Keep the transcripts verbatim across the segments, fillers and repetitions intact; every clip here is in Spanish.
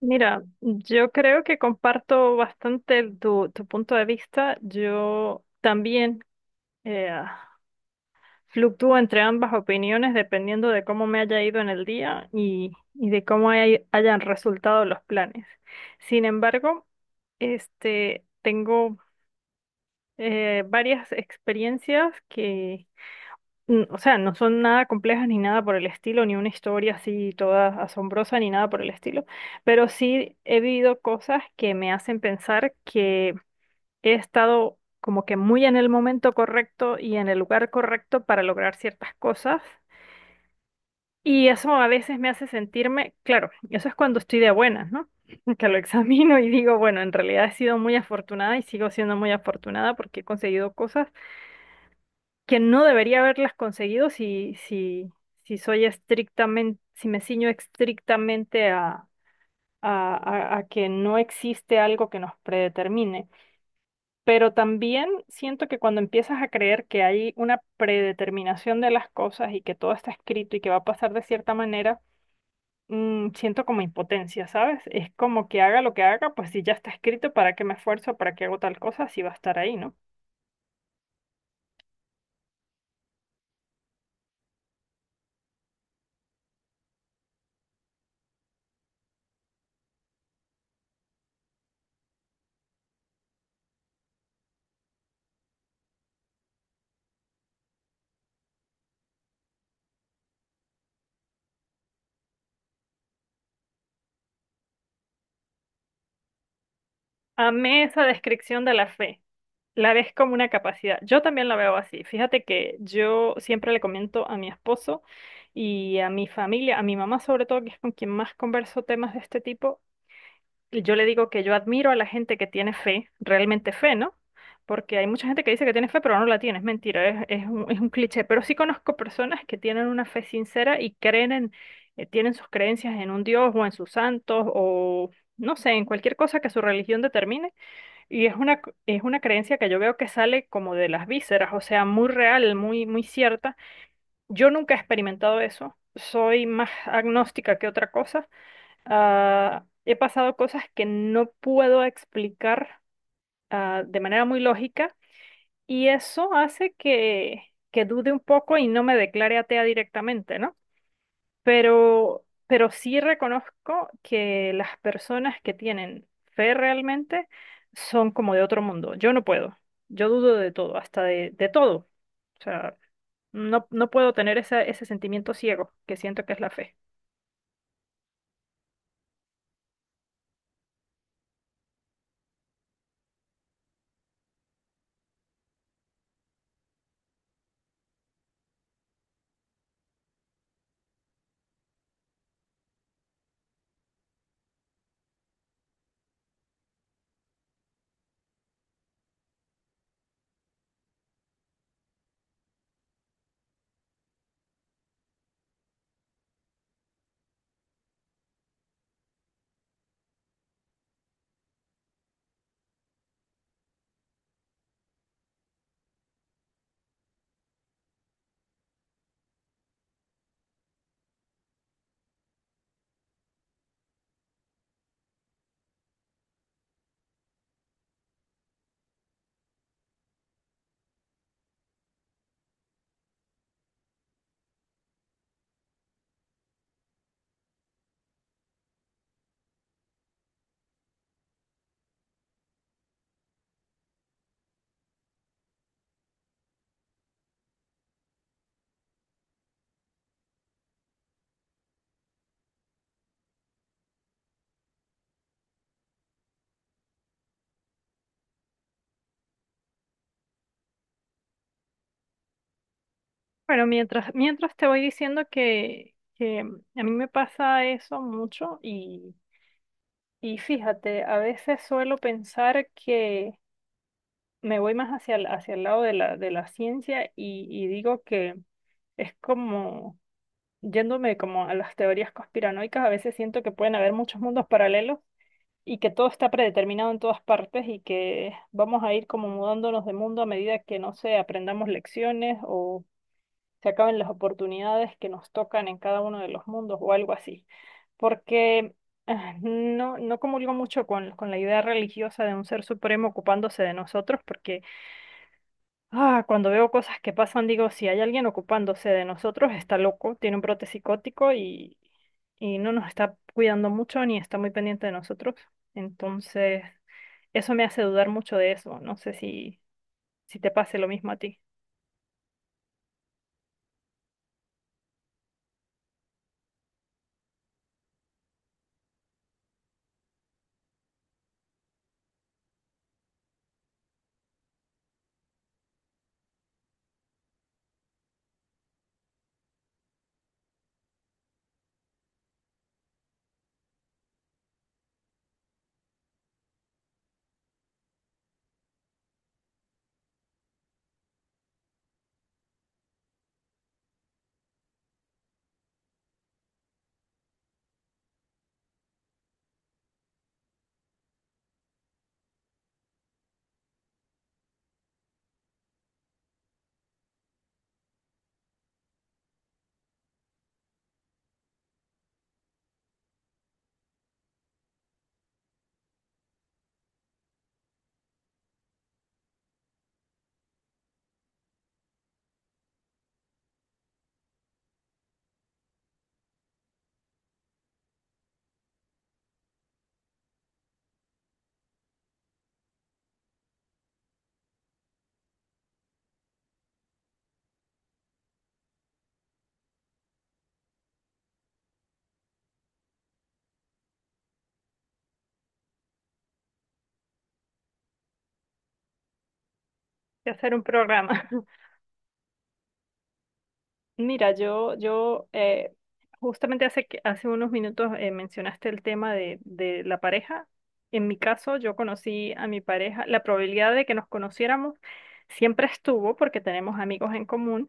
Mira, yo creo que comparto bastante el- tu, tu punto de vista. Yo también eh, fluctúo entre ambas opiniones dependiendo de cómo me haya ido en el día y, y de cómo hay- hayan resultado los planes. Sin embargo, este, tengo eh, varias experiencias que, n- o sea, no son nada complejas ni nada por el estilo, ni una historia así toda asombrosa ni nada por el estilo, pero sí he vivido cosas que me hacen pensar que he estado como que muy en el momento correcto y en el lugar correcto para lograr ciertas cosas. Y eso a veces me hace sentirme, claro, eso es cuando estoy de buenas, ¿no? Que lo examino y digo, bueno, en realidad he sido muy afortunada y sigo siendo muy afortunada porque he conseguido cosas que no debería haberlas conseguido si, si, si soy estrictamente, si me ciño estrictamente a, a, a- a que no existe algo que nos predetermine. Pero también siento que cuando empiezas a creer que hay una predeterminación de las cosas y que todo está escrito y que va a pasar de cierta manera, mm, siento como impotencia, ¿sabes? Es como que haga lo que haga, pues si ya está escrito, ¿para qué me esfuerzo? ¿Para qué hago tal cosa? Si va a estar ahí, ¿no? Amé esa descripción de la fe. La ves como una capacidad. Yo también la veo así. Fíjate que yo siempre le comento a mi esposo y a mi familia, a mi mamá sobre todo, que es con quien más converso temas de este tipo, y yo le digo que yo admiro a la gente que tiene fe, realmente fe, ¿no? Porque hay mucha gente que dice que tiene fe, pero no la tiene, es mentira, es, es un, es un cliché. Pero sí conozco personas que tienen una fe sincera y creen en, eh, tienen sus creencias en un Dios o en sus santos o, no sé, en cualquier cosa que su religión determine y es una, c- es una creencia que yo veo que sale como de las vísceras, o sea, muy real, muy, muy cierta. Yo nunca he experimentado eso, soy más agnóstica que otra cosa. Ah, he pasado cosas que no puedo explicar ah, de manera muy lógica y eso hace que, que dude un poco y no me declare atea directamente, ¿no? Pero, pero sí reconozco que las personas que tienen fe realmente son como de otro mundo. Yo no puedo. Yo dudo de todo, hasta de, de todo. O sea, no, no puedo tener esa- ese sentimiento ciego que siento que es la fe. Bueno, mientras, mientras te voy diciendo que, que a mí me pasa eso mucho y, y fíjate, a veces suelo pensar que me voy más hacia el, hacia el lado de la, de la ciencia y, y digo que es como, yéndome como a las teorías conspiranoicas, a veces siento que pueden haber muchos mundos paralelos y que todo está predeterminado en todas partes y que vamos a ir como mudándonos de mundo a medida que, no sé, aprendamos lecciones o se acaben las oportunidades que nos tocan en cada uno de los mundos o algo así. Porque ah, no, no comulgo mucho con, con la idea religiosa de un ser supremo ocupándose de nosotros, porque Ah, cuando veo cosas que pasan, digo, si hay alguien ocupándose de nosotros, está loco, tiene un brote psicótico y, y no nos está cuidando mucho ni está muy pendiente de nosotros. Entonces, eso me hace dudar mucho de eso. No sé si, si te pase lo mismo a ti. De hacer un programa. Mira, yo, yo eh, justamente hace, que- hace unos minutos eh, mencionaste el tema de, de la pareja. En mi caso, yo conocí a mi pareja. La probabilidad de que nos conociéramos siempre estuvo porque tenemos amigos en común,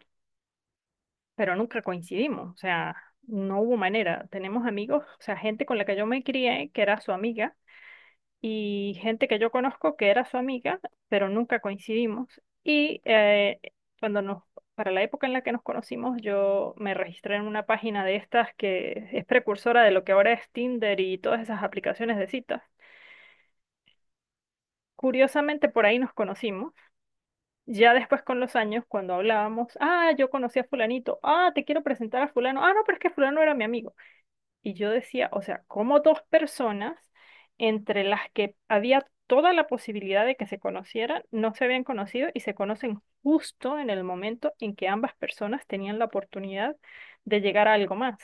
pero nunca coincidimos. O sea, no hubo manera. Tenemos amigos, o sea, gente con la que yo me crié, que era su amiga y gente que yo conozco que era su amiga, pero nunca coincidimos. Y eh, cuando nos, para la época en la que nos conocimos, yo me registré en una página de estas que es precursora de lo que ahora es Tinder y todas esas aplicaciones de citas. Curiosamente, por ahí nos conocimos. Ya después con los años, cuando hablábamos, ah, yo conocí a fulanito, ah, te quiero presentar a fulano, ah, no, pero es que fulano era mi amigo. Y yo decía, o sea, como dos personas entre las que había toda la posibilidad de que se conocieran, no se habían conocido y se conocen justo en el momento en que ambas personas tenían la oportunidad de llegar a algo más.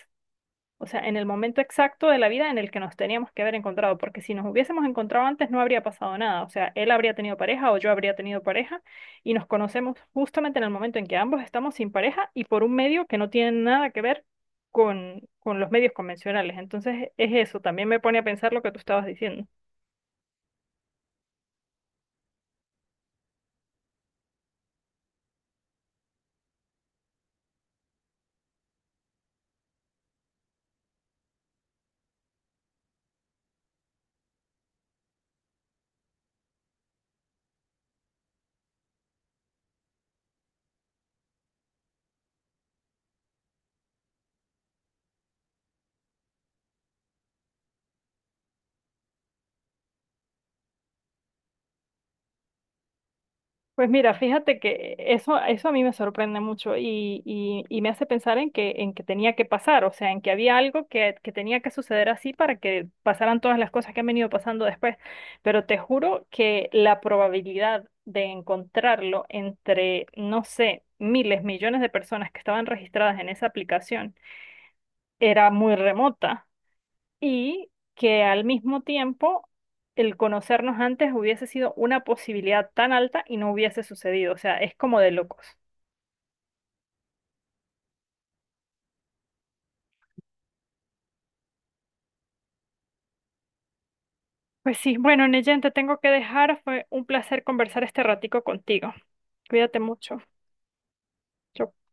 O sea, en el momento exacto de la vida en el que nos teníamos que haber encontrado, porque si nos hubiésemos encontrado antes no habría pasado nada. O sea, él habría tenido pareja o yo habría tenido pareja y nos conocemos justamente en el momento en que ambos estamos sin pareja y por un medio que no tiene nada que ver con, con los medios convencionales. Entonces, es eso, también me pone a pensar lo que tú estabas diciendo. Pues mira, fíjate que eso, eso a mí me sorprende mucho y, y- y me hace pensar en que, en que tenía que pasar, o sea, en que había algo que, que tenía que suceder así para que pasaran todas las cosas que han venido pasando después. Pero te juro que la probabilidad de encontrarlo entre, no sé, miles, millones de personas que estaban registradas en esa aplicación era muy remota y que al mismo tiempo el conocernos antes hubiese sido una posibilidad tan alta y no hubiese sucedido. O sea, es como de locos. Pues sí, bueno, Neyen, te tengo que dejar. Fue un placer conversar este ratico contigo. Cuídate mucho. Chau,